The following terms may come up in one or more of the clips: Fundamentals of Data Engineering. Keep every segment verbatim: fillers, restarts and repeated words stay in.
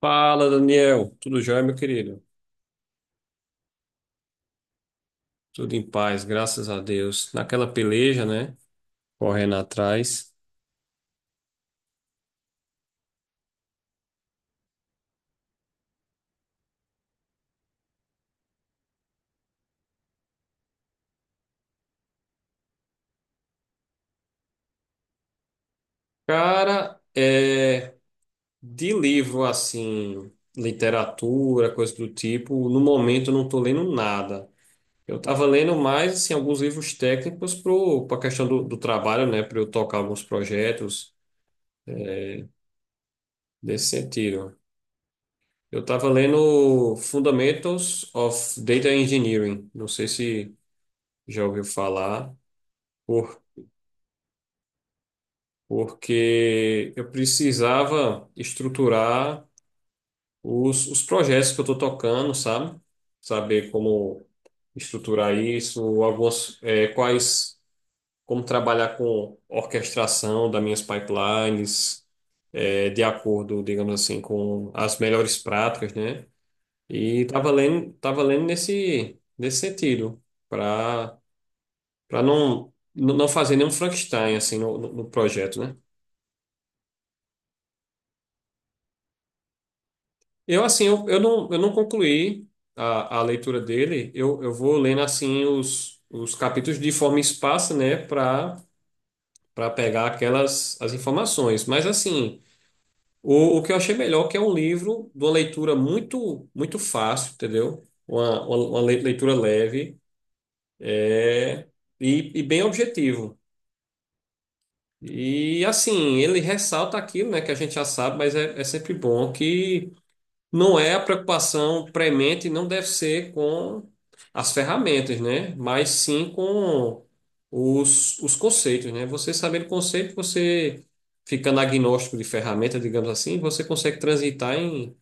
Fala, Daniel. Tudo jóia, meu querido? Tudo em paz, graças a Deus. Naquela peleja, né? Correndo atrás. Cara, é de livro assim, literatura, coisa do tipo, no momento eu não tô lendo nada. Eu tava lendo mais assim alguns livros técnicos pro para questão do, do trabalho, né, para eu tocar alguns projetos desse sentido. Eu tava lendo Fundamentals of Data Engineering. Não sei se já ouviu falar. Porque eu precisava estruturar os, os projetos que eu estou tocando, sabe? Saber como estruturar isso, algumas, eh, quais, como trabalhar com orquestração das minhas pipelines, eh, de acordo, digamos assim, com as melhores práticas, né? E estava lendo, tava lendo nesse, nesse sentido, para para não, não fazer nenhum Frankenstein assim no, no no projeto, né? Eu, assim, eu, eu não, eu não concluí a, a leitura dele. Eu, eu vou lendo, assim, os, os capítulos de forma esparsa, né, para para pegar aquelas as informações. Mas, assim, o, o que eu achei melhor é que é um livro de uma leitura muito, muito fácil, entendeu? Uma, uma, uma le- leitura leve é, e, e bem objetivo. E, assim, ele ressalta aquilo, né, que a gente já sabe, mas é, é sempre bom. Não é a preocupação premente, não deve ser com as ferramentas, né? Mas sim com os, os conceitos, né? Você sabendo o conceito, você ficando agnóstico de ferramenta, digamos assim, você consegue transitar em,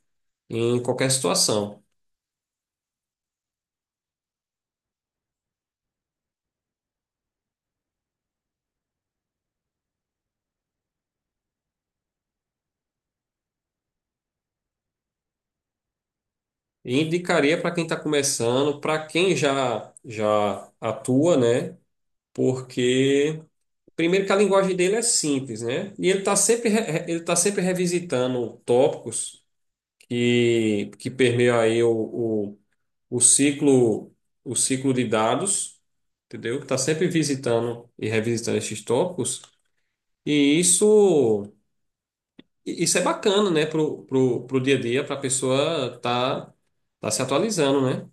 em qualquer situação. E indicaria para quem está começando, para quem já, já atua, né? Porque, primeiro, que a linguagem dele é simples, né? E ele está sempre, re- ele tá sempre revisitando tópicos que, que permeia aí o, o, o ciclo, o ciclo de dados, entendeu? Que está sempre visitando e revisitando esses tópicos. E isso, isso é bacana, né, pro, pro, pro dia a dia, para a pessoa tá, tá se atualizando, né?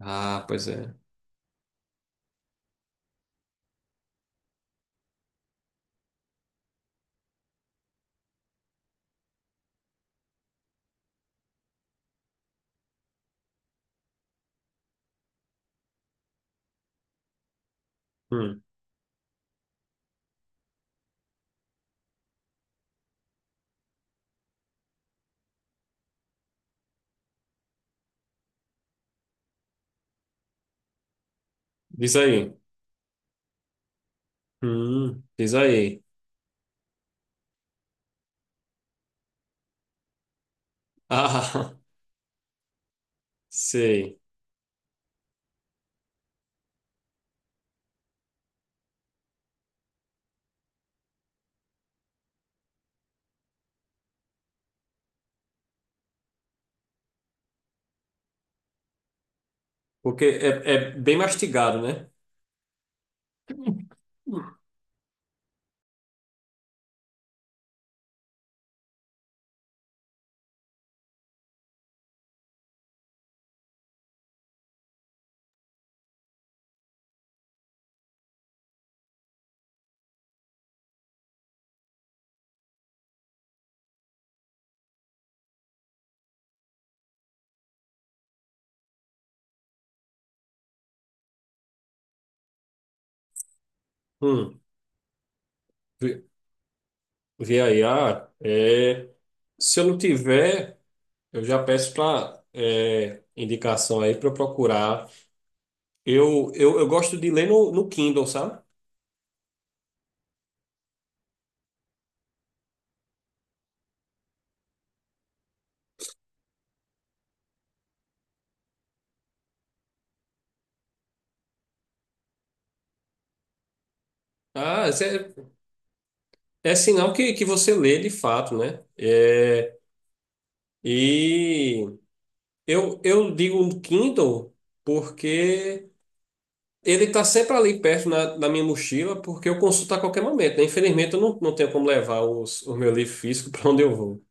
Ah, pois é. Hum, diz aí. Hum, diz aí. Ah, sei. Porque é, é bem mastigado, né? Hum, vê vê aí. Ah, é. Se eu não tiver. Eu já peço para indicação aí para eu procurar. Eu, eu, eu gosto de ler no, no Kindle, sabe? Ah, isso é, é sinal que, que você lê de fato, né? É, e eu, eu digo no Kindle porque ele está sempre ali perto na, na minha mochila, porque eu consulto a qualquer momento, né? Infelizmente, eu não, não tenho como levar os, o meu livro físico para onde eu vou.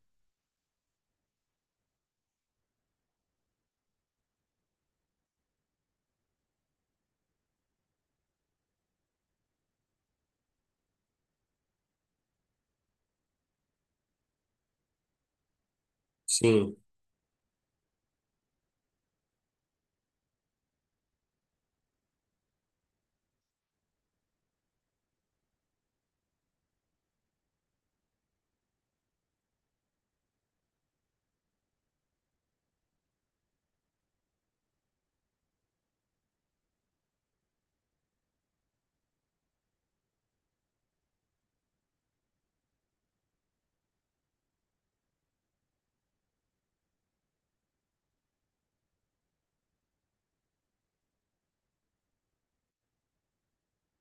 Sim.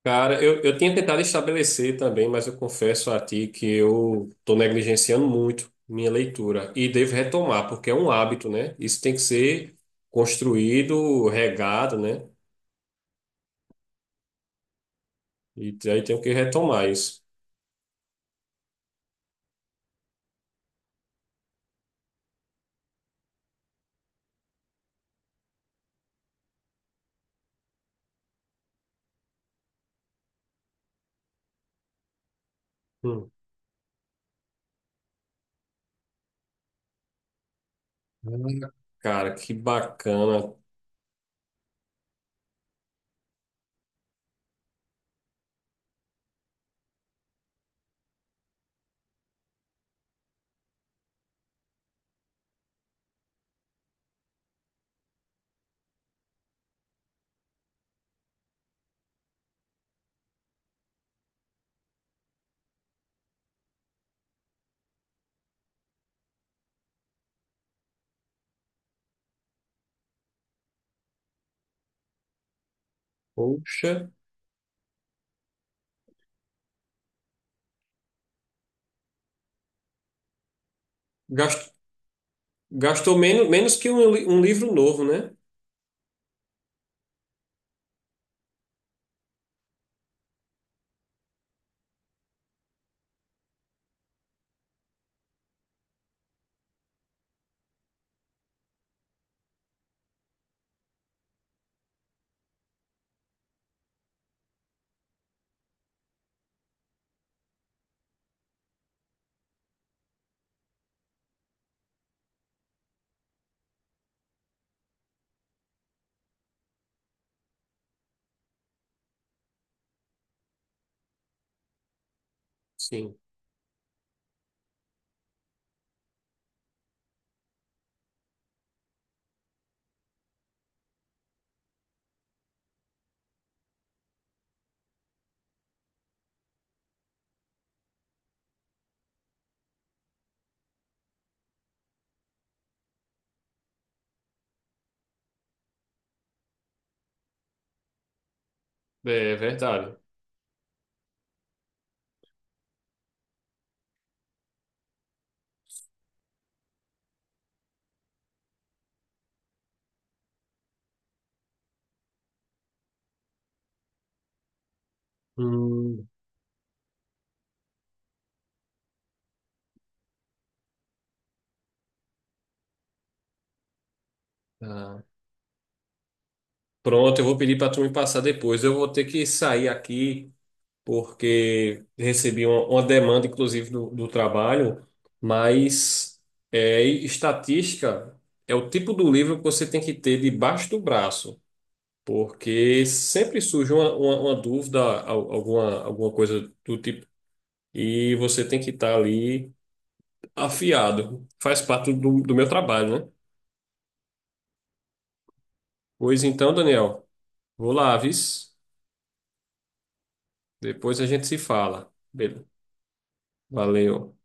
Cara, eu, eu tinha tentado estabelecer também, mas eu confesso a ti que eu estou negligenciando muito minha leitura e devo retomar, porque é um hábito, né? Isso tem que ser construído, regado, né? E aí tenho que retomar isso. Hum. Cara, que bacana. Poxa, Gast- gastou menos, menos que um, li- um livro novo, né? Sim, é verdade. Hum, tá. Pronto, eu vou pedir para tu me passar depois. Eu vou ter que sair aqui, porque recebi uma, uma demanda, inclusive, do, do trabalho, mas é, e estatística é o tipo do livro que você tem que ter debaixo do braço, porque sempre surge uma, uma, uma dúvida, al- alguma, alguma coisa do tipo, e você tem que estar ali afiado. Faz parte do, do meu trabalho, né? Pois então, Daniel, vou lá, vis. Depois a gente se fala. Beleza. Valeu.